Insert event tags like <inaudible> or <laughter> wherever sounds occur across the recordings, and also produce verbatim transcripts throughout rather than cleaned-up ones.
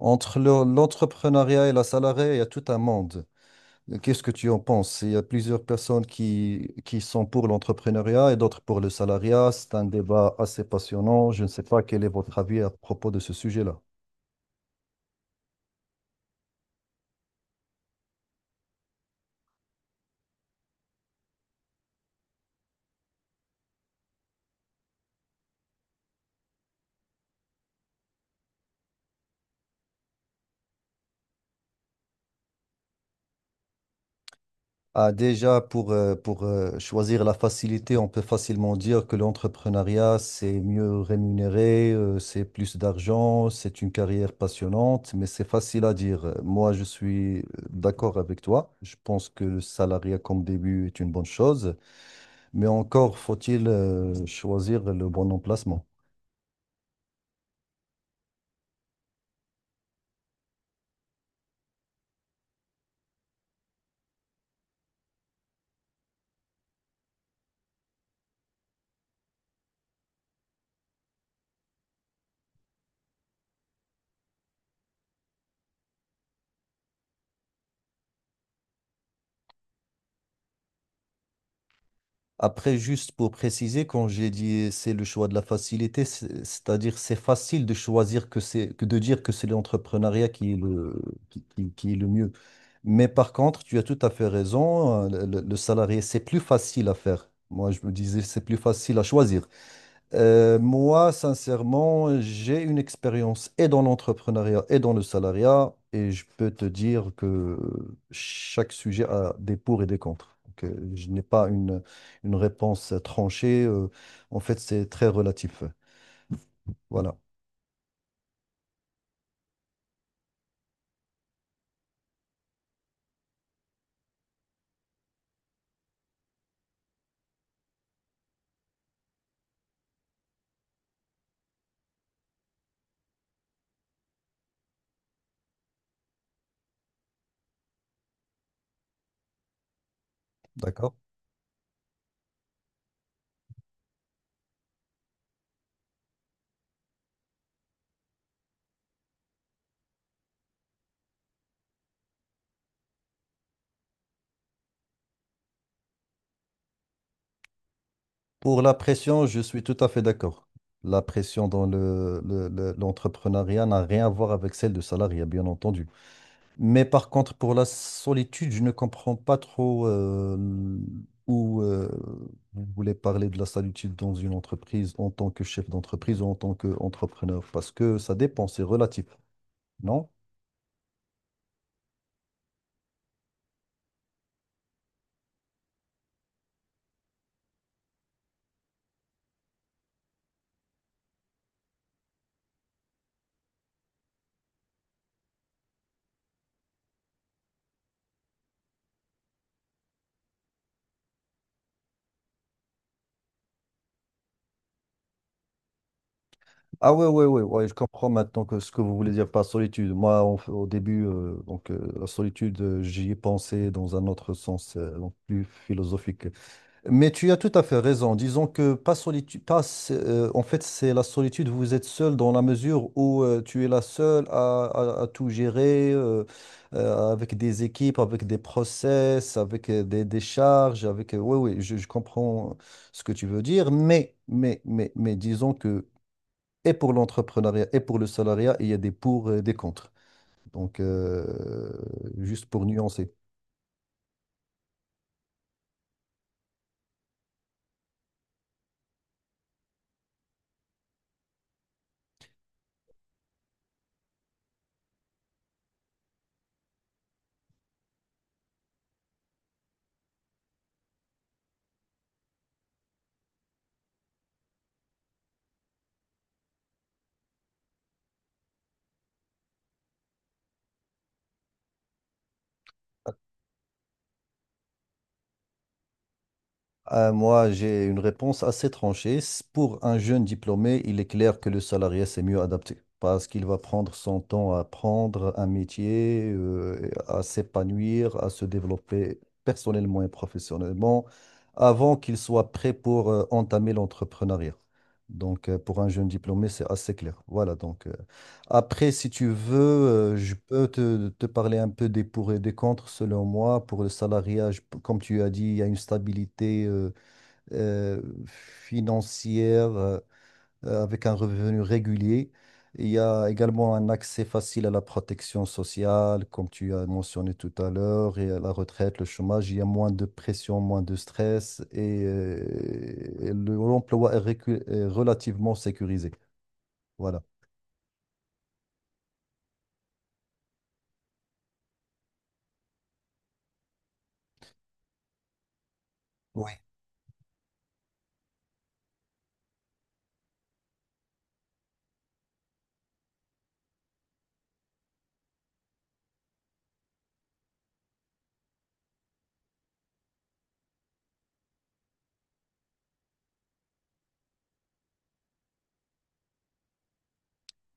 Entre le- l'entrepreneuriat et la salariée, il y a tout un monde. Qu'est-ce que tu en penses? Il y a plusieurs personnes qui, qui sont pour l'entrepreneuriat et d'autres pour le salariat. C'est un débat assez passionnant. Je ne sais pas quel est votre avis à propos de ce sujet-là. Ah, déjà, pour, euh, pour euh, choisir la facilité, on peut facilement dire que l'entrepreneuriat, c'est mieux rémunéré, euh, c'est plus d'argent, c'est une carrière passionnante, mais c'est facile à dire. Euh, Moi, je suis euh, d'accord avec toi. Je pense que le salariat comme début est une bonne chose, mais encore faut-il euh, choisir le bon emplacement. Après, juste pour préciser, quand j'ai dit c'est le choix de la facilité, c'est- c'est-à-dire c'est facile de choisir que c'est que de dire que c'est l'entrepreneuriat qui est le qui, qui- qui est le mieux. Mais par contre, tu as tout à fait raison, euh, le, le- le salarié, c'est plus facile à faire. Moi, je me disais c'est plus facile à choisir. Euh, moi, sincèrement, j'ai une expérience et dans l'entrepreneuriat et dans le salariat, et je peux te dire que chaque sujet a des pour et des contre. Donc, euh, je n'ai pas une, une réponse tranchée. Euh, en fait, c'est très relatif. Voilà, d'accord. Pour la pression, je suis tout à fait d'accord. La pression dans le, le- le- l'entrepreneuriat n'a rien à voir avec celle du salariat, bien entendu. Mais par contre, pour la solitude, je ne comprends pas trop euh, où euh, vous voulez parler de la solitude dans une entreprise en tant que chef d'entreprise ou en tant qu'entrepreneur, parce que ça dépend, c'est relatif, non? Ah, ouais, ouais, ouais, ouais, je comprends maintenant que ce que vous voulez dire par solitude. Moi, en au début, euh, donc, euh, la solitude, euh, j'y ai pensé dans un autre sens, euh, donc plus philosophique. Mais tu as tout à fait raison. Disons que pas solitude, pas, euh, en fait, c'est la solitude. Vous êtes seul dans la mesure où euh, tu es la seule à, à- à tout gérer euh, euh, avec des équipes, avec des process, avec euh, des, des charges, avec. Euh, oui, oui, je, je comprends ce que tu veux dire. Mais, mais, mais, mais, disons que et pour l'entrepreneuriat et pour le salariat, il y a des pour et des contre. Donc, euh, juste pour nuancer. Euh, moi, j'ai une réponse assez tranchée. S- Pour un jeune diplômé, il est clair que le salarié, c'est mieux adapté parce qu'il va prendre son temps à apprendre un métier, euh, à s'épanouir, à se développer personnellement et professionnellement avant qu'il soit prêt pour euh, entamer l'entrepreneuriat. Donc, euh, pour un jeune diplômé, c'est assez clair. Voilà, donc, euh, après, si tu veux, euh, je peux te, te parler un peu des pour et des contre, selon moi. Pour le salariat, je- comme tu as dit, il y a une stabilité. euh, euh, Financière euh, avec un revenu régulier. Il y a également un accès facile à la protection sociale, comme tu as mentionné tout à l'heure, et à la retraite, le chômage. Il y a moins de pression, moins de stress et, euh, et le- l'emploi est récu- est relativement sécurisé. Voilà.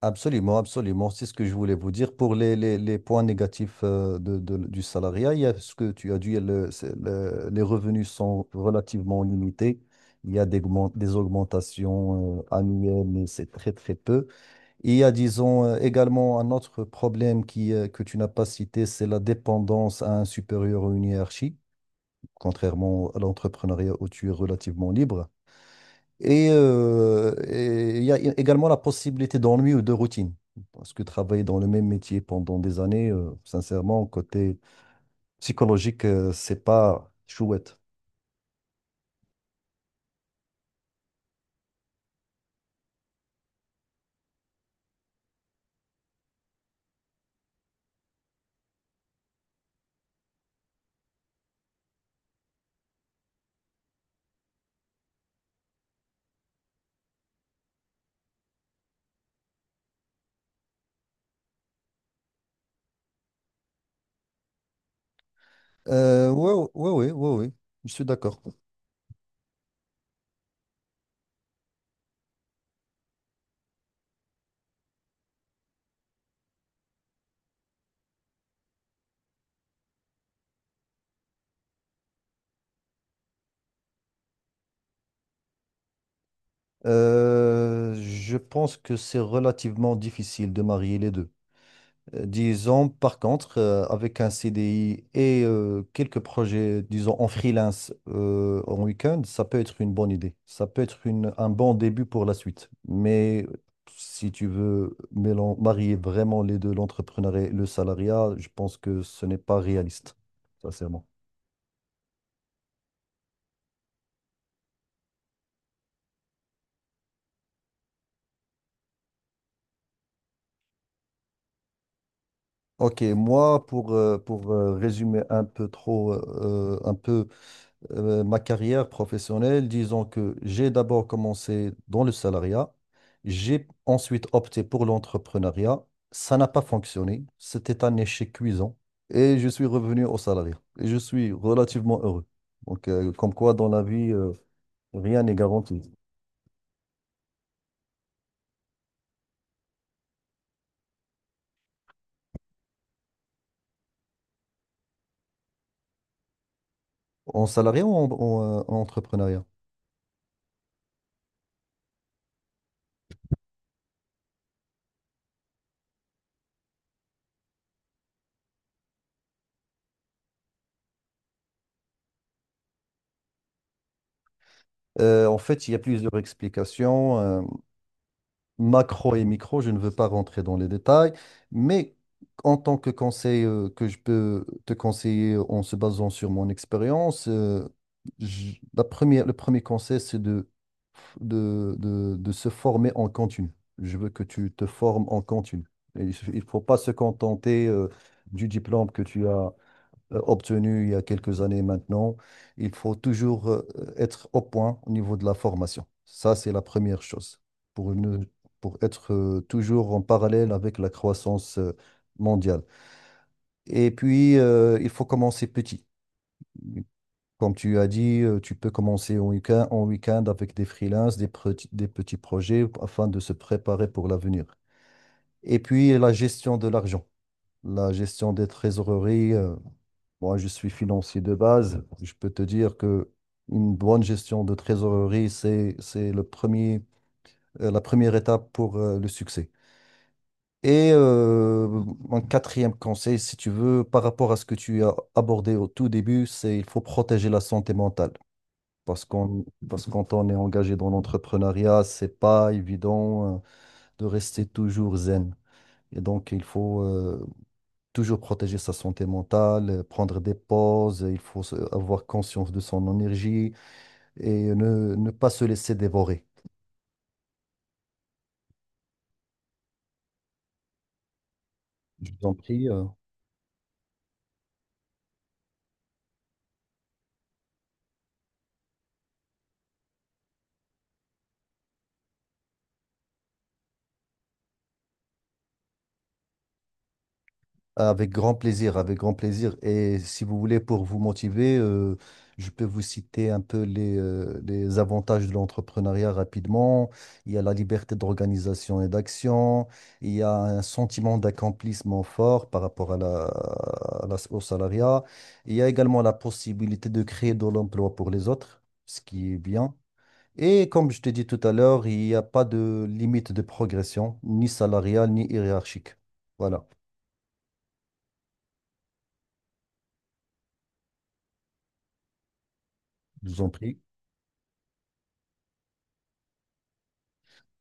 Absolument, absolument. C'est ce que je voulais vous dire. Pour les, les, les points négatifs euh, de, de- du salariat, il y a ce que tu as dit, le- c'est- le- les revenus sont relativement limités. Il y a des, augmen- des augmentations euh, annuelles, mais c'est très, très peu. Et il y a, disons, euh, également un autre problème qui, euh, que tu n'as pas cité, c'est la dépendance à un supérieur ou une hiérarchie, contrairement à l'entrepreneuriat où tu es relativement libre. Et euh, et il y a i- également la possibilité d'ennui ou de routine. Parce que travailler dans le même métier pendant des années, euh, sincèrement, côté psychologique, euh, c'est pas chouette. Euh, ouais, ouais, ouais, ouais, ouais, je suis d'accord. Euh, je pense que c'est relativement difficile de marier les deux. Euh, Disons, par contre, euh, avec un C D I et euh, quelques projets, disons, en freelance euh, en week-end, ça peut être une bonne idée. Ça peut être une- un bon début pour la suite. Mais si tu veux mélan- marier vraiment les deux, l'entrepreneuriat et le salariat, je pense que ce n'est pas réaliste, sincèrement. Ok, moi, pour, euh, pour euh, résumer un peu trop, euh, un peu euh, ma carrière professionnelle, disons que j'ai d'abord commencé dans le salariat, j'ai ensuite opté pour l'entrepreneuriat. Ça n'a pas fonctionné, c'était un échec cuisant et je suis revenu au salariat et je suis relativement heureux. Donc, euh, comme quoi dans la vie, euh, rien n'est garanti. En salariat ou en, en, euh, en entrepreneuriat? Euh, en fait, il y a plusieurs explications. Euh, macro et micro, je ne veux pas rentrer dans les détails, mais en tant que conseil euh, que je peux te conseiller en se basant sur mon expérience, euh, j- la première, le premier conseil, c'est de, de, de, de se former en continu. Je veux que tu te formes en continu. Et il ne faut pas se contenter euh, du diplôme que tu as euh, obtenu il y a quelques années maintenant. Il faut toujours euh, être au point au niveau de la formation. Ça, c'est la première chose pour ne- pour être euh, toujours en parallèle avec la croissance euh, mondiale. Et puis, euh, il faut commencer petit. Comme tu as dit, euh, tu peux commencer en week-end, en week-end avec des freelances, des, petits- des petits projets afin de se préparer pour l'avenir. Et puis, la gestion de l'argent, la gestion des trésoreries. euh, Moi, je suis financier de base. Je peux te dire que une bonne gestion de trésorerie, c'est, c'est le premier, euh, la première étape pour euh, le succès. Et euh, un quatrième conseil, si tu veux, par rapport à ce que tu as abordé au tout début, c'est il faut protéger la santé mentale. Parce qu'on, parce <laughs> que quand on est engagé dans l'entrepreneuriat, c'est pas évident euh, de rester toujours zen. Et donc, il faut euh, toujours protéger sa santé mentale, euh, prendre des pauses, il faut se- avoir conscience de son énergie et ne, ne pas se laisser dévorer. Je vous en prie. euh, Avec grand plaisir, avec grand plaisir. Et si vous voulez, pour vous motiver, euh, je peux vous citer un peu les, euh, les avantages de l'entrepreneuriat rapidement. Il y a la liberté d'organisation et d'action. Il y a un sentiment d'accomplissement fort par rapport à la, à la- au salariat. Il y a également la possibilité de créer de l'emploi pour les autres, ce qui est bien. Et comme je t'ai dit tout à l'heure, il n'y a pas de limite de progression, ni salariale, ni hiérarchique. Voilà, je vous en prie.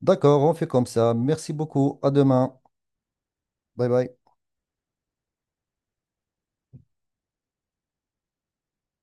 D'accord, on fait comme ça. Merci beaucoup. À demain. Bye bye.